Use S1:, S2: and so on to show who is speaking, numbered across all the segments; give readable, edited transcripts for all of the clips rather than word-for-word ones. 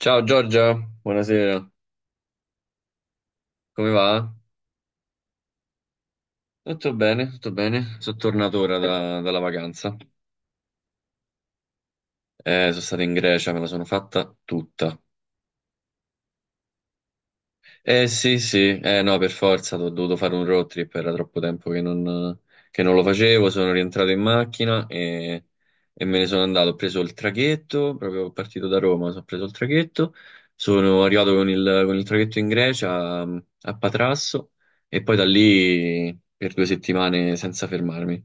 S1: Ciao Giorgia, buonasera, come va? Tutto bene, tutto bene. Sono tornato ora dalla vacanza. Sono stato in Grecia, me la sono fatta tutta. Eh sì, sì, eh no, per forza, ho dovuto fare un road trip, era troppo tempo che non, lo facevo, sono rientrato in macchina e me ne sono andato. Ho preso il traghetto, proprio partito da Roma, sono preso il traghetto, sono arrivato con il traghetto in Grecia a Patrasso e poi da lì per 2 settimane senza fermarmi.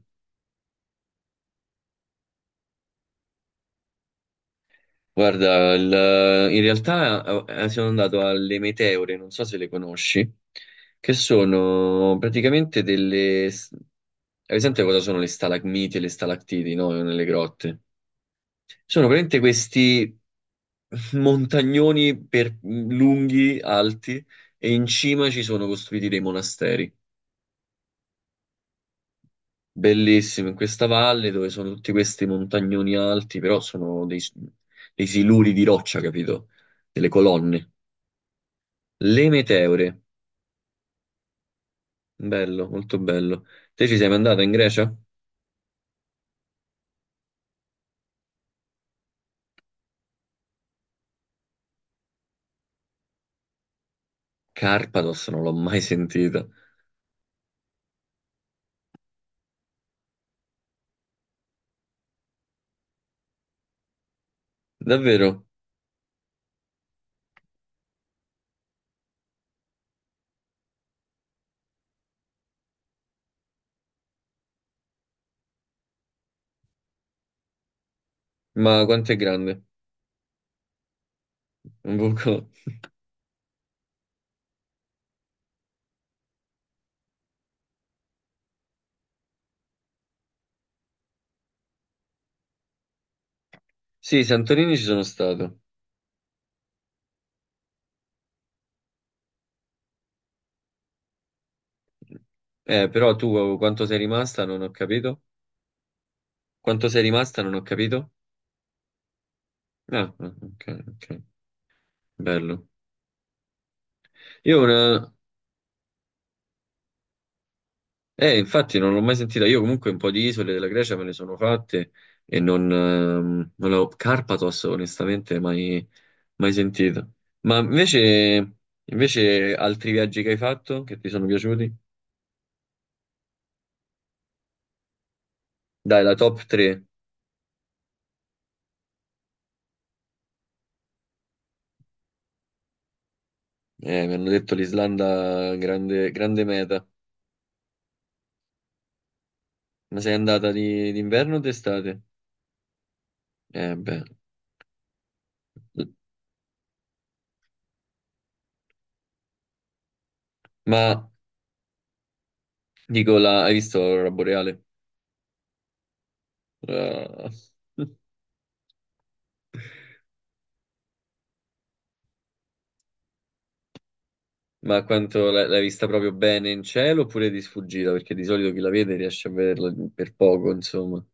S1: Guarda, in realtà sono andato alle meteore, non so se le conosci, che sono praticamente delle. Hai presente cosa sono le stalagmiti e le stalattiti, no? Nelle grotte. Sono praticamente questi montagnoni lunghi, alti, e in cima ci sono costruiti dei monasteri. Bellissimo, in questa valle dove sono tutti questi montagnoni alti, però sono dei, dei siluri di roccia, capito? Delle colonne. Le meteore. Bello, molto bello. Te ci sei mandato in Grecia? Carpados non l'ho mai sentita. Davvero? Ma quanto è grande? Un buco. Sì, Santorini ci sono stato. Però tu oh, quanto sei rimasta non ho capito. Quanto sei rimasta non ho capito. Ah, ah, ok, ok. Bello. Io una. Infatti non l'ho mai sentita. Io comunque un po' di isole della Grecia me ne sono fatte e non l'ho Carpathos onestamente mai, mai sentita. Ma invece, invece altri viaggi che hai fatto che ti sono piaciuti? Dai, la top 3. Mi hanno detto l'Islanda grande, grande meta. Ma sei andata d'inverno o d'estate? Eh beh. Ma dico, hai visto l'aurora boreale? Ah. Ma quanto l'hai vista proprio bene in cielo oppure di sfuggita? Perché di solito chi la vede riesce a vederla per poco, insomma.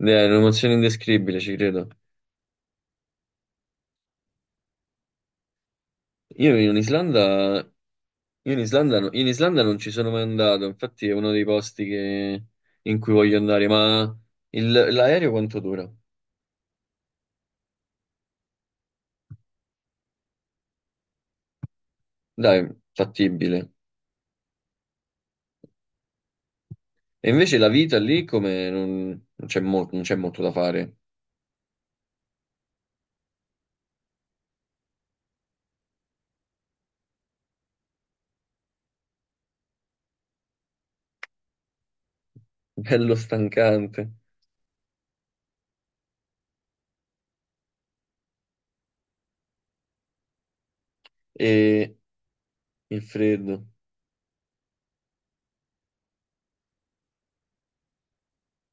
S1: È un'emozione indescrivibile, ci credo. Io in Islanda, io in Islanda, no- in Islanda non ci sono mai andato, infatti è uno dei posti in cui voglio andare, ma l'aereo quanto dura? Dai, fattibile. E invece la vita lì come non c'è molto da fare. Bello stancante. E il freddo.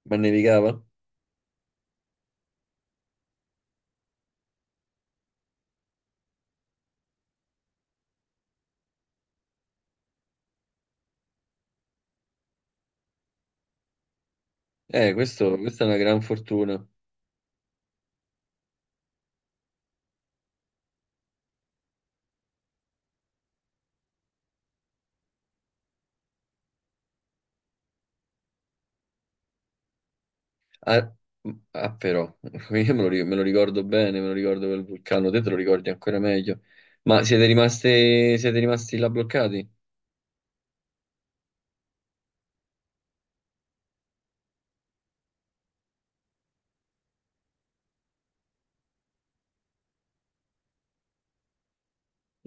S1: Ma nevicava? Questa è una gran fortuna. Ah, ah, però, io me lo ricordo bene, me lo ricordo quel vulcano, te lo ricordi ancora meglio. Ma siete rimasti là bloccati?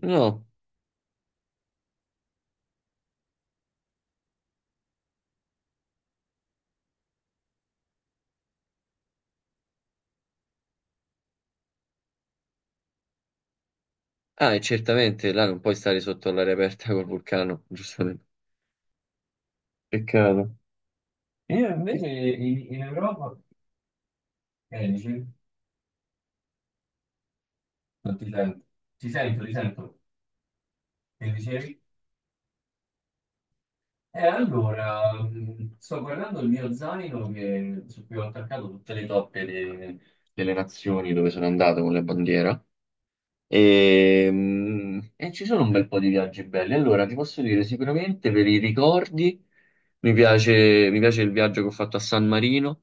S1: No. Ah, e certamente là non puoi stare sotto all'aria aperta col vulcano, giustamente. Peccato. Io invece in Europa, dicevi? Non ti sento, ti sento, ti sento, che dicevi? E allora, sto guardando il mio zaino su cui ho attaccato tutte le toppe delle nazioni dove sono andato con la bandiera e ci sono un bel po' di viaggi belli. Allora, ti posso dire sicuramente per i ricordi mi piace il viaggio che ho fatto a San Marino,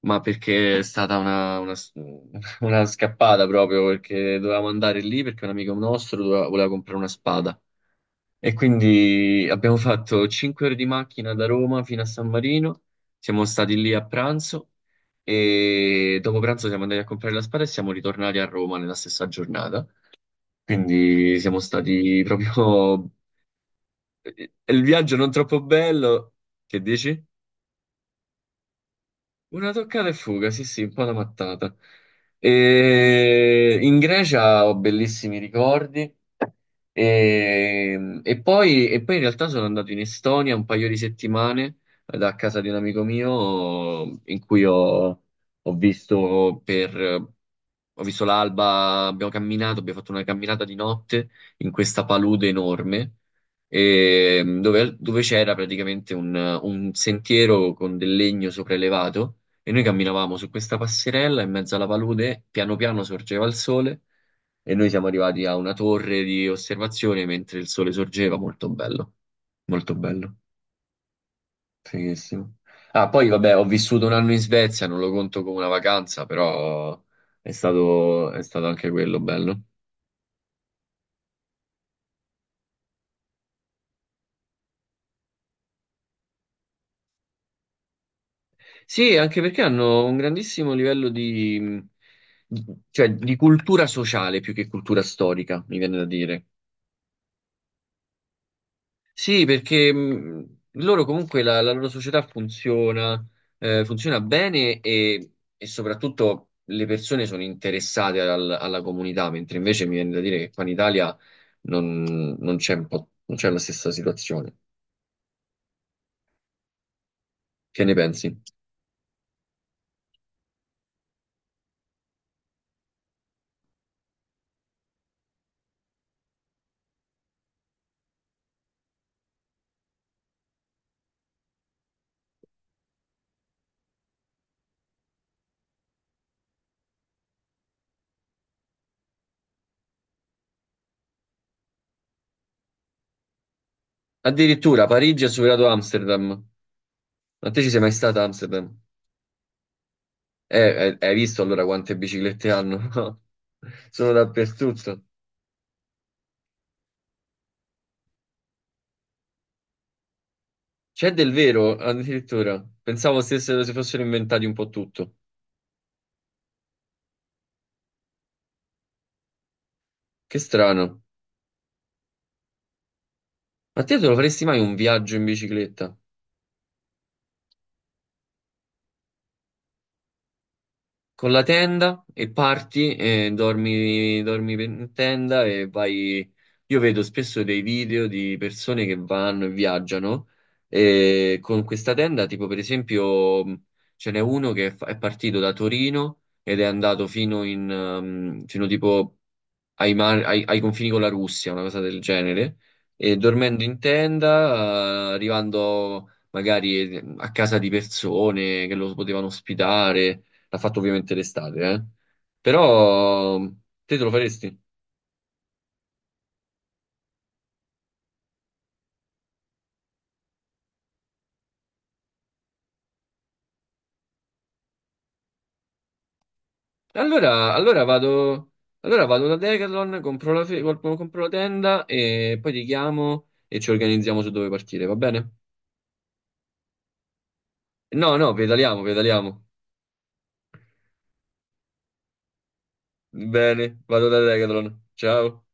S1: ma perché è stata una scappata proprio perché dovevamo andare lì perché un amico nostro doveva- voleva comprare una spada. E quindi abbiamo fatto 5 ore di macchina da Roma fino a San Marino, siamo stati lì a pranzo e dopo pranzo siamo andati a comprare la spada e siamo ritornati a Roma nella stessa giornata. Quindi siamo stati proprio. È il viaggio non troppo bello, che dici? Una toccata e fuga, sì, sì, un po' da mattata. E in Grecia ho bellissimi ricordi. E poi in realtà sono andato in Estonia un paio di settimane da casa di un amico mio in cui ho visto per ho visto l'alba, abbiamo camminato, abbiamo fatto una camminata di notte in questa palude enorme, dove c'era praticamente un sentiero con del legno sopraelevato e noi camminavamo su questa passerella in mezzo alla palude, piano piano sorgeva il sole e noi siamo arrivati a una torre di osservazione mentre il sole sorgeva, molto bello, molto bello. Fighissimo. Ah, poi vabbè, ho vissuto un anno in Svezia, non lo conto come una vacanza, però è stato anche quello bello. Sì, anche perché hanno un grandissimo livello di, di- cioè, di cultura sociale più che cultura storica, mi viene da dire. Sì, perché loro comunque la loro società funziona, funziona bene e soprattutto le persone sono interessate alla comunità, mentre invece mi viene da dire che qua in Italia non c'è un po', non c'è la stessa situazione. Che ne pensi? Addirittura Parigi ha superato Amsterdam. Ma te ci sei mai stata a Amsterdam? Hai visto allora quante biciclette hanno? Sono dappertutto. C'è del vero, addirittura. Pensavo si fossero inventati un po' tutto. Che strano. Ma te lo faresti mai un viaggio in bicicletta? Con la tenda e parti e dormi, dormi in tenda e vai. Io vedo spesso dei video di persone che vanno e viaggiano e con questa tenda, tipo per esempio, ce n'è uno è partito da Torino ed è andato fino tipo ai confini con la Russia, una cosa del genere, e dormendo in tenda, arrivando magari a casa di persone che lo potevano ospitare. L'ha fatto ovviamente l'estate, eh. Però te lo faresti? Allora, allora vado, allora vado da Decathlon, compro la tenda e poi ti chiamo e ci organizziamo su dove partire, va bene? No, no, pedaliamo, pedaliamo. Bene, vado da Decathlon. Ciao.